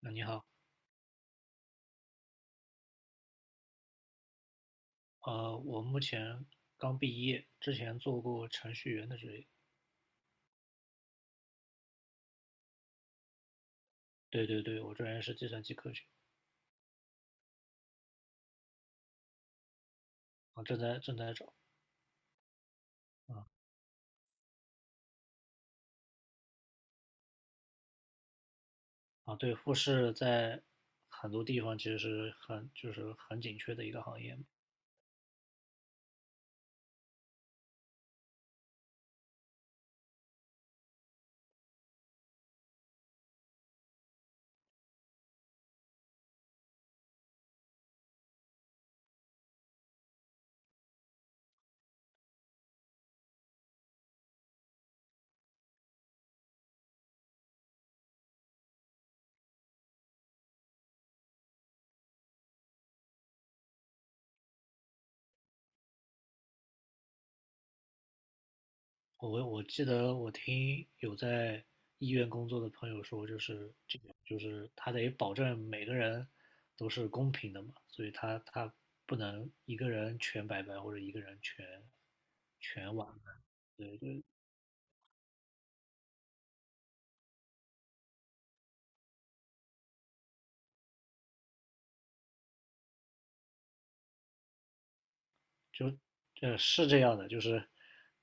那你好。我目前刚毕业，之前做过程序员的职业。对对对，我专业是计算机科学。啊，正在找。啊啊，对，护士在很多地方其实是很就是很紧缺的一个行业。我记得我听有在医院工作的朋友说，就是这个就是他得保证每个人都是公平的嘛，所以他不能一个人全白，或者一个人全完满。对对，就是这样的，就是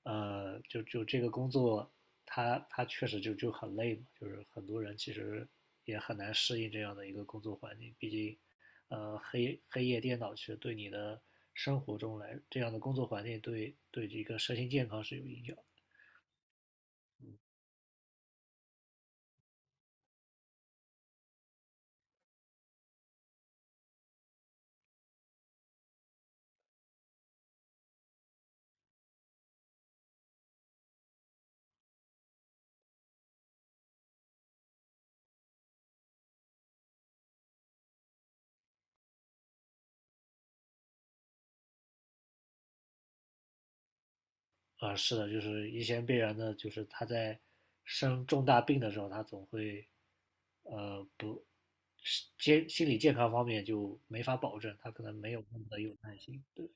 就这个工作，他确实就很累嘛，就是很多人其实也很难适应这样的一个工作环境，毕竟黑夜电脑其实对你的生活中来这样的工作环境对这个身心健康是有影响。啊，是的，就是一些病人呢，就是他在生重大病的时候，他总会，不，是心理健康方面就没法保证，他可能没有那么的有耐心。对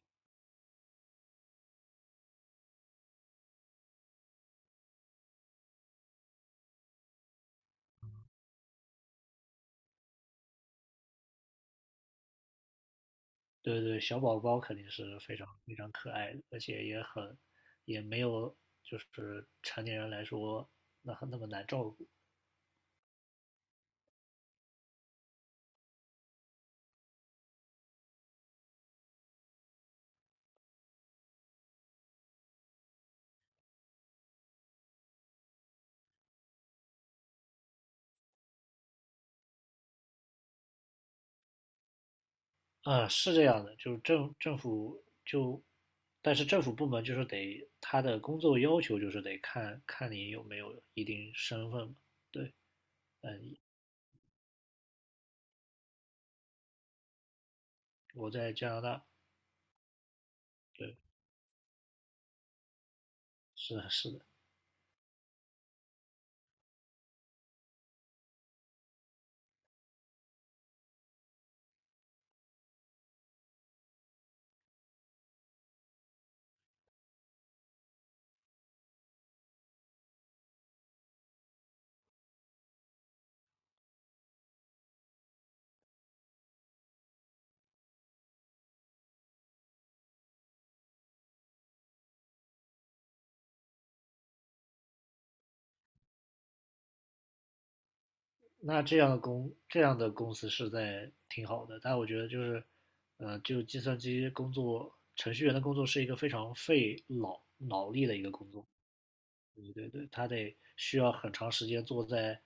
对对，小宝宝肯定是非常非常可爱的，而且也很，也没有就是成年人来说那那么难照顾。是这样的，就是政府就，但是政府部门就是得他的工作要求就是得看看你有没有一定身份嘛。对。嗯，我在加拿大。对，是的，是的。那这样的公司是在挺好的，但我觉得就是，就计算机工作程序员的工作是一个非常费脑力的一个工作。对对对，他得需要很长时间坐在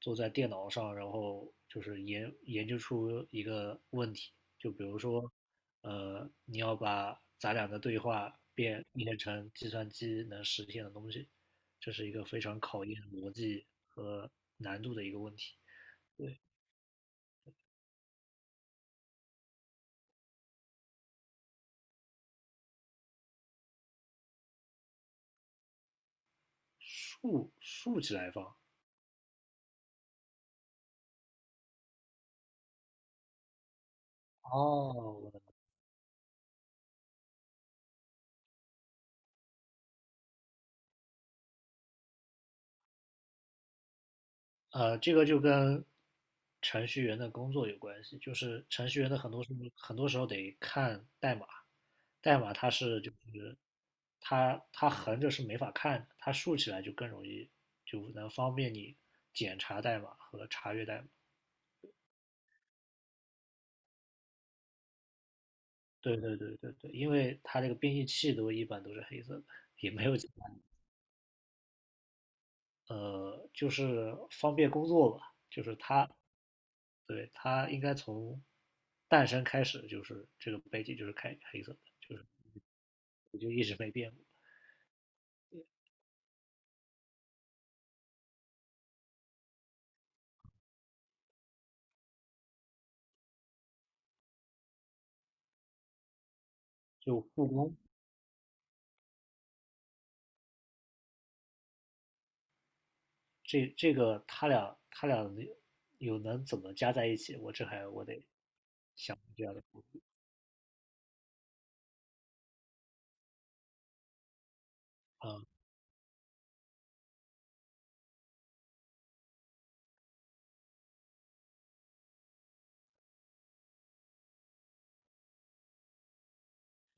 坐在电脑上，然后就是研究出一个问题，就比如说，你要把咱俩的对话变成计算机能实现的东西，这是一个非常考验逻辑和难度的一个问题。对，竖起来放。哦，这个就跟程序员的工作有关系，就是程序员的很多时候得看代码，代码它是就是它它横着是没法看的，它竖起来就更容易，就能方便你检查代码和查阅代码。对对对对对，因为它这个编译器都一般都是黑色的，也没有其他的。就是方便工作吧，就是它。对，它应该从诞生开始就是这个背景就是开黑色的，就是我就一直没变过。就故宫，这个他俩能怎么加在一起，我得想这样的故事。啊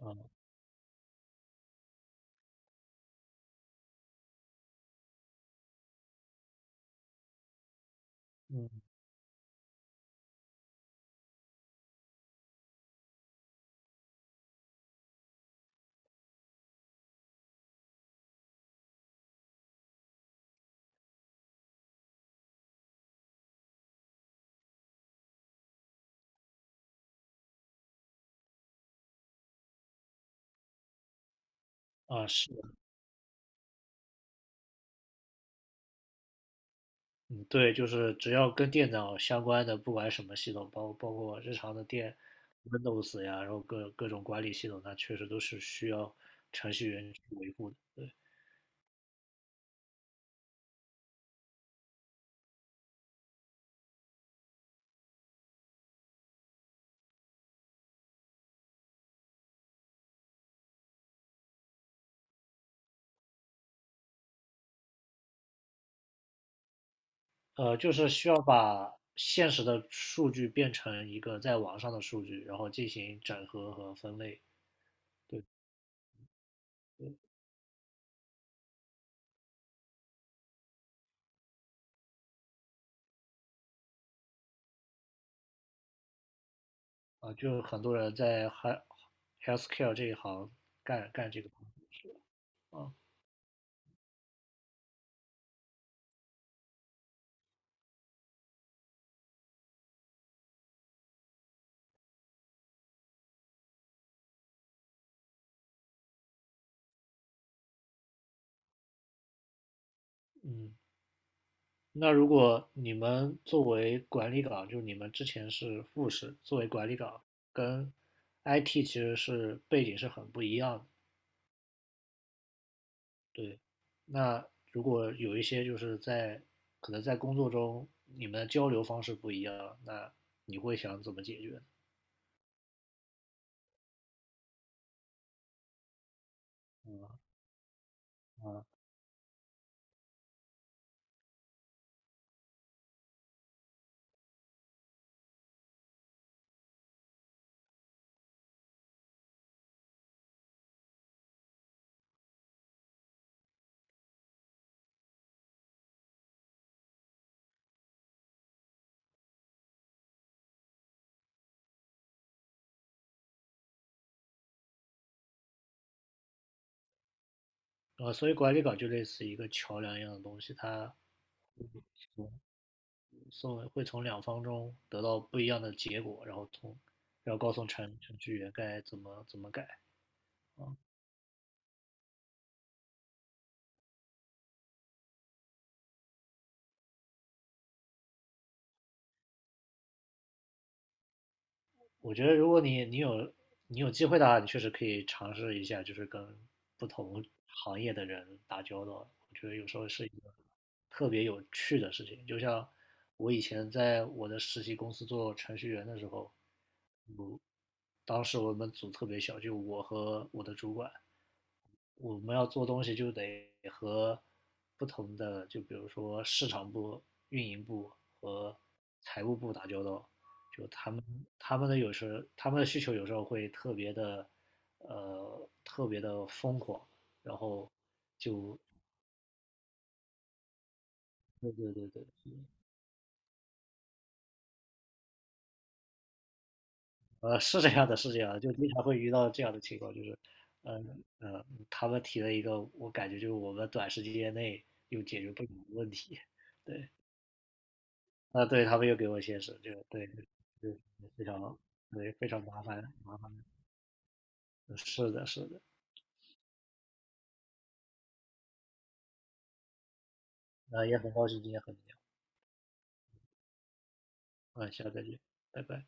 啊，嗯，啊，是的。嗯，对，就是只要跟电脑相关的，不管什么系统，包括日常的Windows 呀，然后各种管理系统，它确实都是需要程序员去维护的。对。就是需要把现实的数据变成一个在网上的数据，然后进行整合和分类。啊，就很多人在 healthcare 这一行干这个工作。啊。嗯。那如果你们作为管理岗，就是你们之前是护士，作为管理岗跟 IT 其实是背景是很不一样的。对。那如果有一些就是可能在工作中你们的交流方式不一样，那你会想怎么解决啊？所以管理岗就类似一个桥梁一样的东西，它送会从两方中得到不一样的结果，然后然后告诉程序员该怎么改啊。我觉得如果你你有机会的话，你确实可以尝试一下，就是跟不同行业的人打交道。我觉得有时候是一个特别有趣的事情。就像我以前在我的实习公司做程序员的时候，我当时我们组特别小，就我和我的主管，我们要做东西就得和不同的，就比如说市场部、运营部和财务部打交道。就他们的需求有时候会特别的疯狂，然后就。对对对对，是这样的，是这样的，就经常会遇到这样的情况，就是，呃他们提了一个，我感觉就是我们短时间内又解决不了的问题。对，啊，对，他们又给我解释，就，对，就非常，对，非常麻烦，是的，是的。啊，也很高兴今天和你聊，啊，下次再见，拜拜。